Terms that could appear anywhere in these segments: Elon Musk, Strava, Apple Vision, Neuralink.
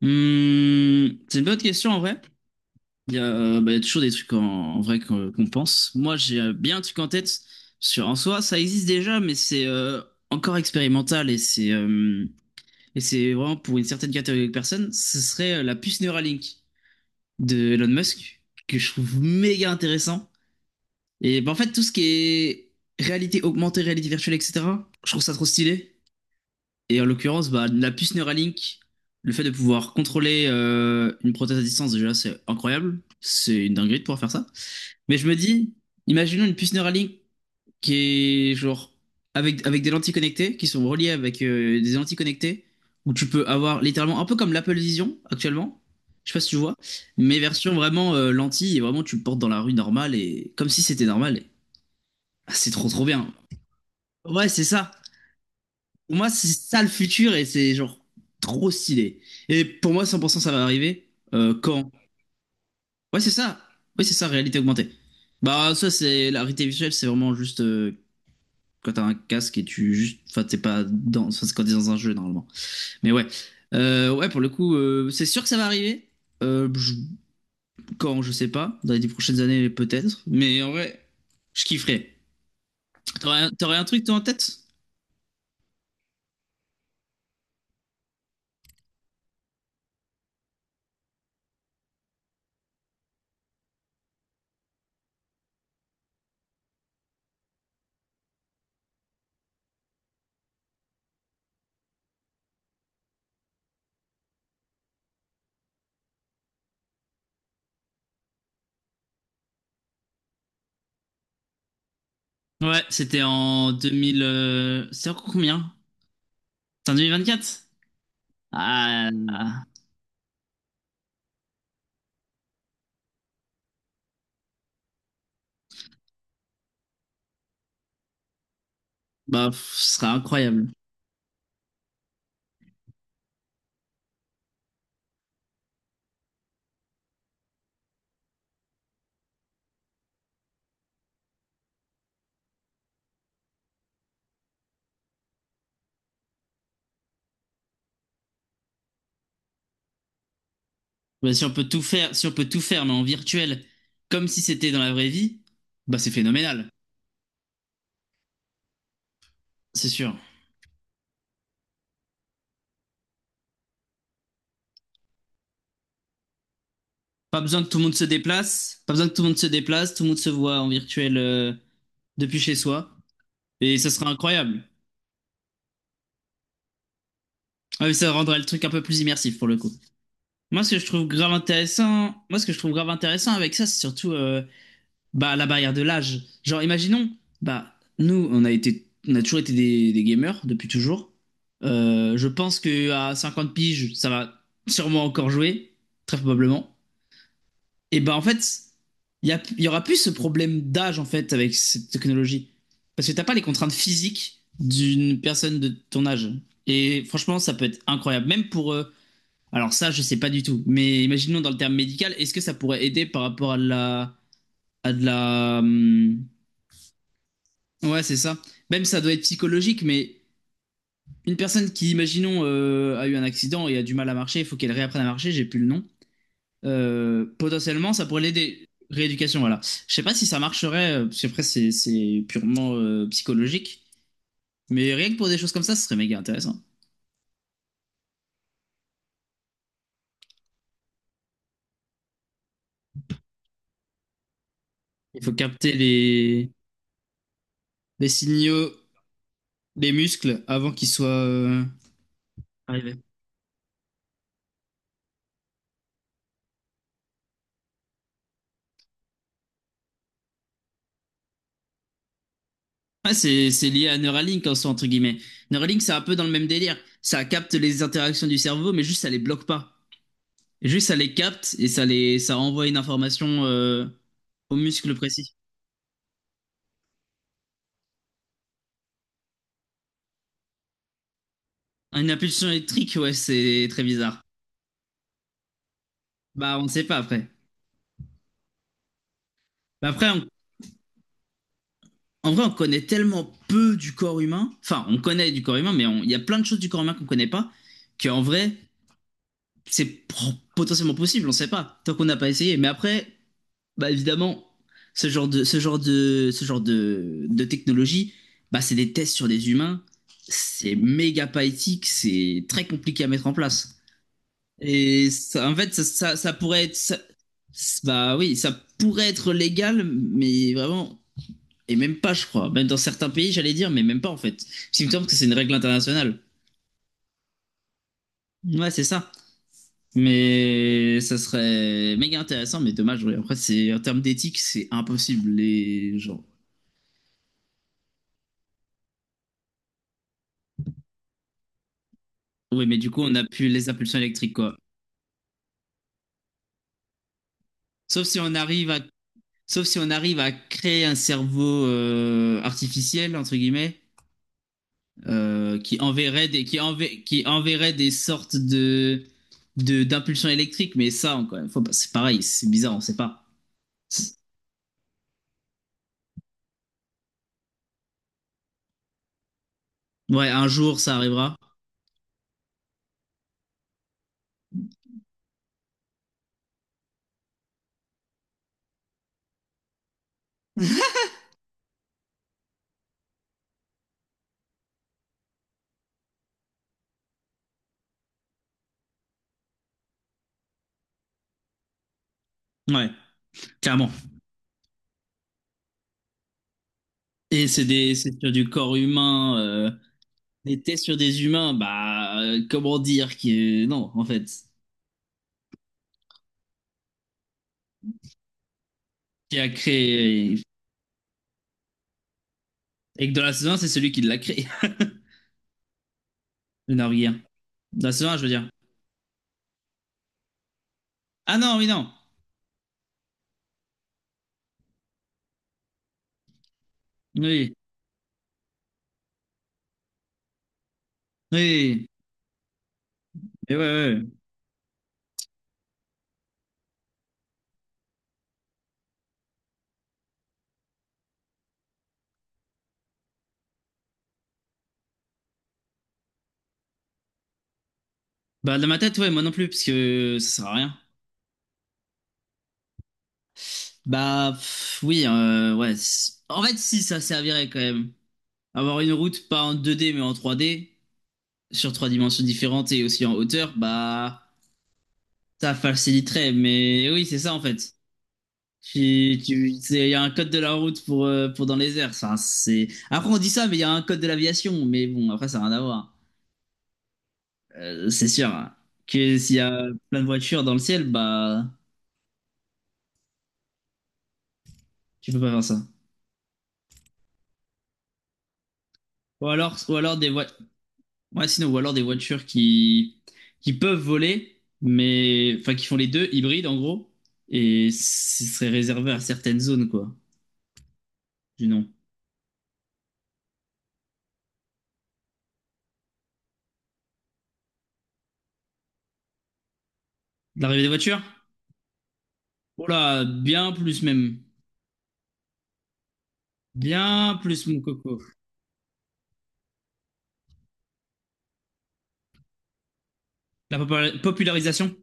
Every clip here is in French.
Hmm, c'est une bonne question en vrai. Bah, il y a toujours des trucs en vrai qu'on pense. Moi, j'ai bien un truc en tête sur en soi, ça existe déjà, mais c'est encore expérimental et c'est vraiment pour une certaine catégorie de personnes. Ce serait la puce Neuralink de Elon Musk, que je trouve méga intéressant. Et bah, en fait, tout ce qui est réalité augmentée, réalité virtuelle, etc. Je trouve ça trop stylé. Et en l'occurrence, bah, la puce Neuralink, le fait de pouvoir contrôler une prothèse à distance, déjà, c'est incroyable. C'est une dinguerie de pouvoir faire ça. Mais je me dis, imaginons une puce Neuralink qui est genre avec des lentilles connectées, qui sont reliées avec des lentilles connectées, où tu peux avoir littéralement un peu comme l'Apple Vision actuellement. Je sais pas si tu vois, mais version vraiment lentille, et vraiment tu le portes dans la rue normale et comme si c'était normal. Ah, c'est trop trop bien. Ouais, c'est ça. Pour moi, c'est ça le futur et c'est genre trop stylé. Et pour moi, 100% ça va arriver, quand? Ouais, c'est ça. Oui, c'est ça, réalité augmentée. Bah, ça, c'est la réalité virtuelle, c'est vraiment juste quand t'as un casque et tu juste. Enfin, t'es pas dans. Enfin, c'est quand t'es dans un jeu normalement. Mais ouais. Ouais, pour le coup, c'est sûr que ça va arriver. Euh, je- Quand, je sais pas. Dans les 10 prochaines années, peut-être. Mais en vrai, je kifferais. T'aurais un truc, toi, en tête? Ouais, c'était en 2000, c'était en combien? C'était en 2024? Ah, bah, pff, ce serait incroyable. Bah, si on peut tout faire, si on peut tout faire, mais en virtuel, comme si c'était dans la vraie vie, bah, c'est phénoménal, c'est sûr. Pas besoin que tout le monde se déplace, pas besoin que tout le monde se déplace, tout le monde se voit en virtuel, depuis chez soi. Et ça serait incroyable. Ah, mais ça rendrait le truc un peu plus immersif pour le coup. Moi, ce que je trouve grave intéressant avec ça, c'est surtout, bah, la barrière de l'âge. Genre, imaginons, bah, nous, on a toujours été des gamers depuis toujours. Je pense que à 50 piges, ça va sûrement encore jouer, très probablement. Et bah, en fait, il y aura plus ce problème d'âge, en fait, avec cette technologie. Parce que t'as pas les contraintes physiques d'une personne de ton âge. Et franchement, ça peut être incroyable. Même pour, alors ça, je sais pas du tout. Mais imaginons dans le terme médical, est-ce que ça pourrait aider par rapport à de la, à de la. Ouais, c'est ça. Même ça doit être psychologique, mais une personne qui, imaginons, a eu un accident et a du mal à marcher, il faut qu'elle réapprenne à marcher, j'ai plus le nom. Potentiellement, ça pourrait l'aider. Rééducation, voilà. Je sais pas si ça marcherait, parce qu'après, c'est purement psychologique. Mais rien que pour des choses comme ça, ce serait méga intéressant. Il faut capter les, signaux des muscles avant qu'ils soient arrivés. Ouais, c'est lié à Neuralink en soi, entre guillemets. Neuralink, c'est un peu dans le même délire. Ça capte les interactions du cerveau, mais juste ça les bloque pas. Et juste, ça les capte et ça envoie une information au muscle précis. Une impulsion électrique, ouais, c'est très bizarre. Bah, on ne sait pas après. Bah, après, on- En vrai, on connaît tellement peu du corps humain. Enfin, on connaît du corps humain, mais il y a plein de choses du corps humain qu'on connaît pas, qu'en vrai, c'est potentiellement possible, on sait pas, tant qu'on n'a pas essayé. Mais après, bah, évidemment, ce genre de technologie, bah, c'est des tests sur des humains. C'est méga pas éthique, c'est très compliqué à mettre en place. En fait, ça pourrait être, ça- c'est- bah oui, ça pourrait être légal, mais vraiment, et même pas, je crois. Même dans certains pays, j'allais dire, mais même pas en fait. Parce qu'il me semble que c'est une règle internationale. Ouais, c'est ça. Mais ça serait méga intéressant, mais dommage. Ouais. Après, c'est en termes d'éthique, c'est impossible les gens. Oui, mais du coup, on a plus les impulsions électriques, quoi. Sauf si on arrive à, sauf si on arrive à créer un cerveau artificiel entre guillemets, qui enverrait des sortes de d'impulsions électriques. Mais ça, encore une fois, bah, c'est pareil, c'est bizarre, on sait pas. Ouais, un jour ça arrivera. Ouais, clairement. Et c'est sur du corps humain, des tests sur des humains, bah, comment dire, qui non en fait. Qui a créé, et que dans la saison 1, c'est celui qui l'a créé le Norguien. Dans la saison 1, je veux dire. Ah non, oui, non. Oui, oui, mais ouais. Ouais, bah, dans ma tête, ouais, moi non plus, parce que ça sert à rien. Bah, pff, oui, ouais. En fait, si, ça servirait quand même. Avoir une route pas en 2D mais en 3D, sur trois dimensions différentes et aussi en hauteur, bah ça faciliterait. Mais oui, c'est ça en fait. Il y a un code de la route pour dans les airs. Après, on dit ça, mais il y a un code de l'aviation. Mais bon, après, ça n'a rien à voir. C'est sûr, hein, que s'il y a plein de voitures dans le ciel, bah tu peux pas faire ça. Ou alors des voitures. Ouais, sinon, ou alors des voitures qui peuvent voler, mais enfin qui font les deux, hybrides en gros, et ce serait réservé à certaines zones, quoi, du nom. De l'arrivée des voitures? Oh là, bien plus même. Bien plus, mon coco. La popularisation?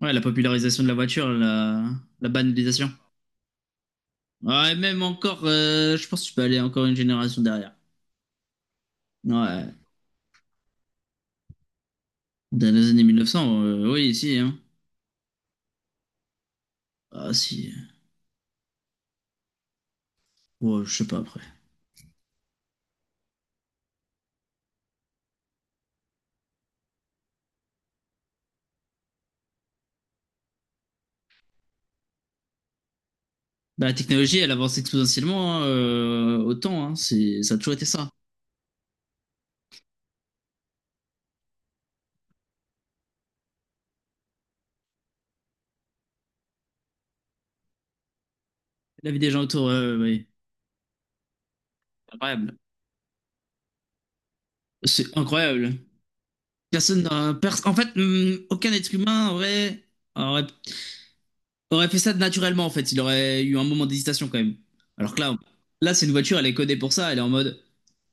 Ouais, la popularisation de la voiture, la banalisation. Ouais, même encore, je pense que tu peux aller encore une génération derrière. Ouais, dans les années 1900, oui, si, hein. Ah, si. Ouais, je sais pas, après. Bah, la technologie, elle avance exponentiellement, hein, autant. Hein, ça a toujours été ça. La vie des gens autour, oui. Incroyable. C'est incroyable. Personne n'a- pers- En fait, aucun être humain aurait, aurait, fait ça naturellement, en fait. Il aurait eu un moment d'hésitation quand même. Alors que là, c'est une voiture, elle est codée pour ça. Elle est en mode,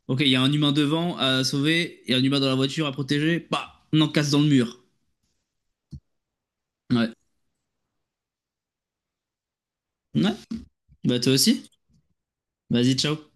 OK, il y a un humain devant à sauver et un humain dans la voiture à protéger. Bah, on en casse dans le mur. Ouais. Ouais. Bah, toi aussi. Vas-y, ciao.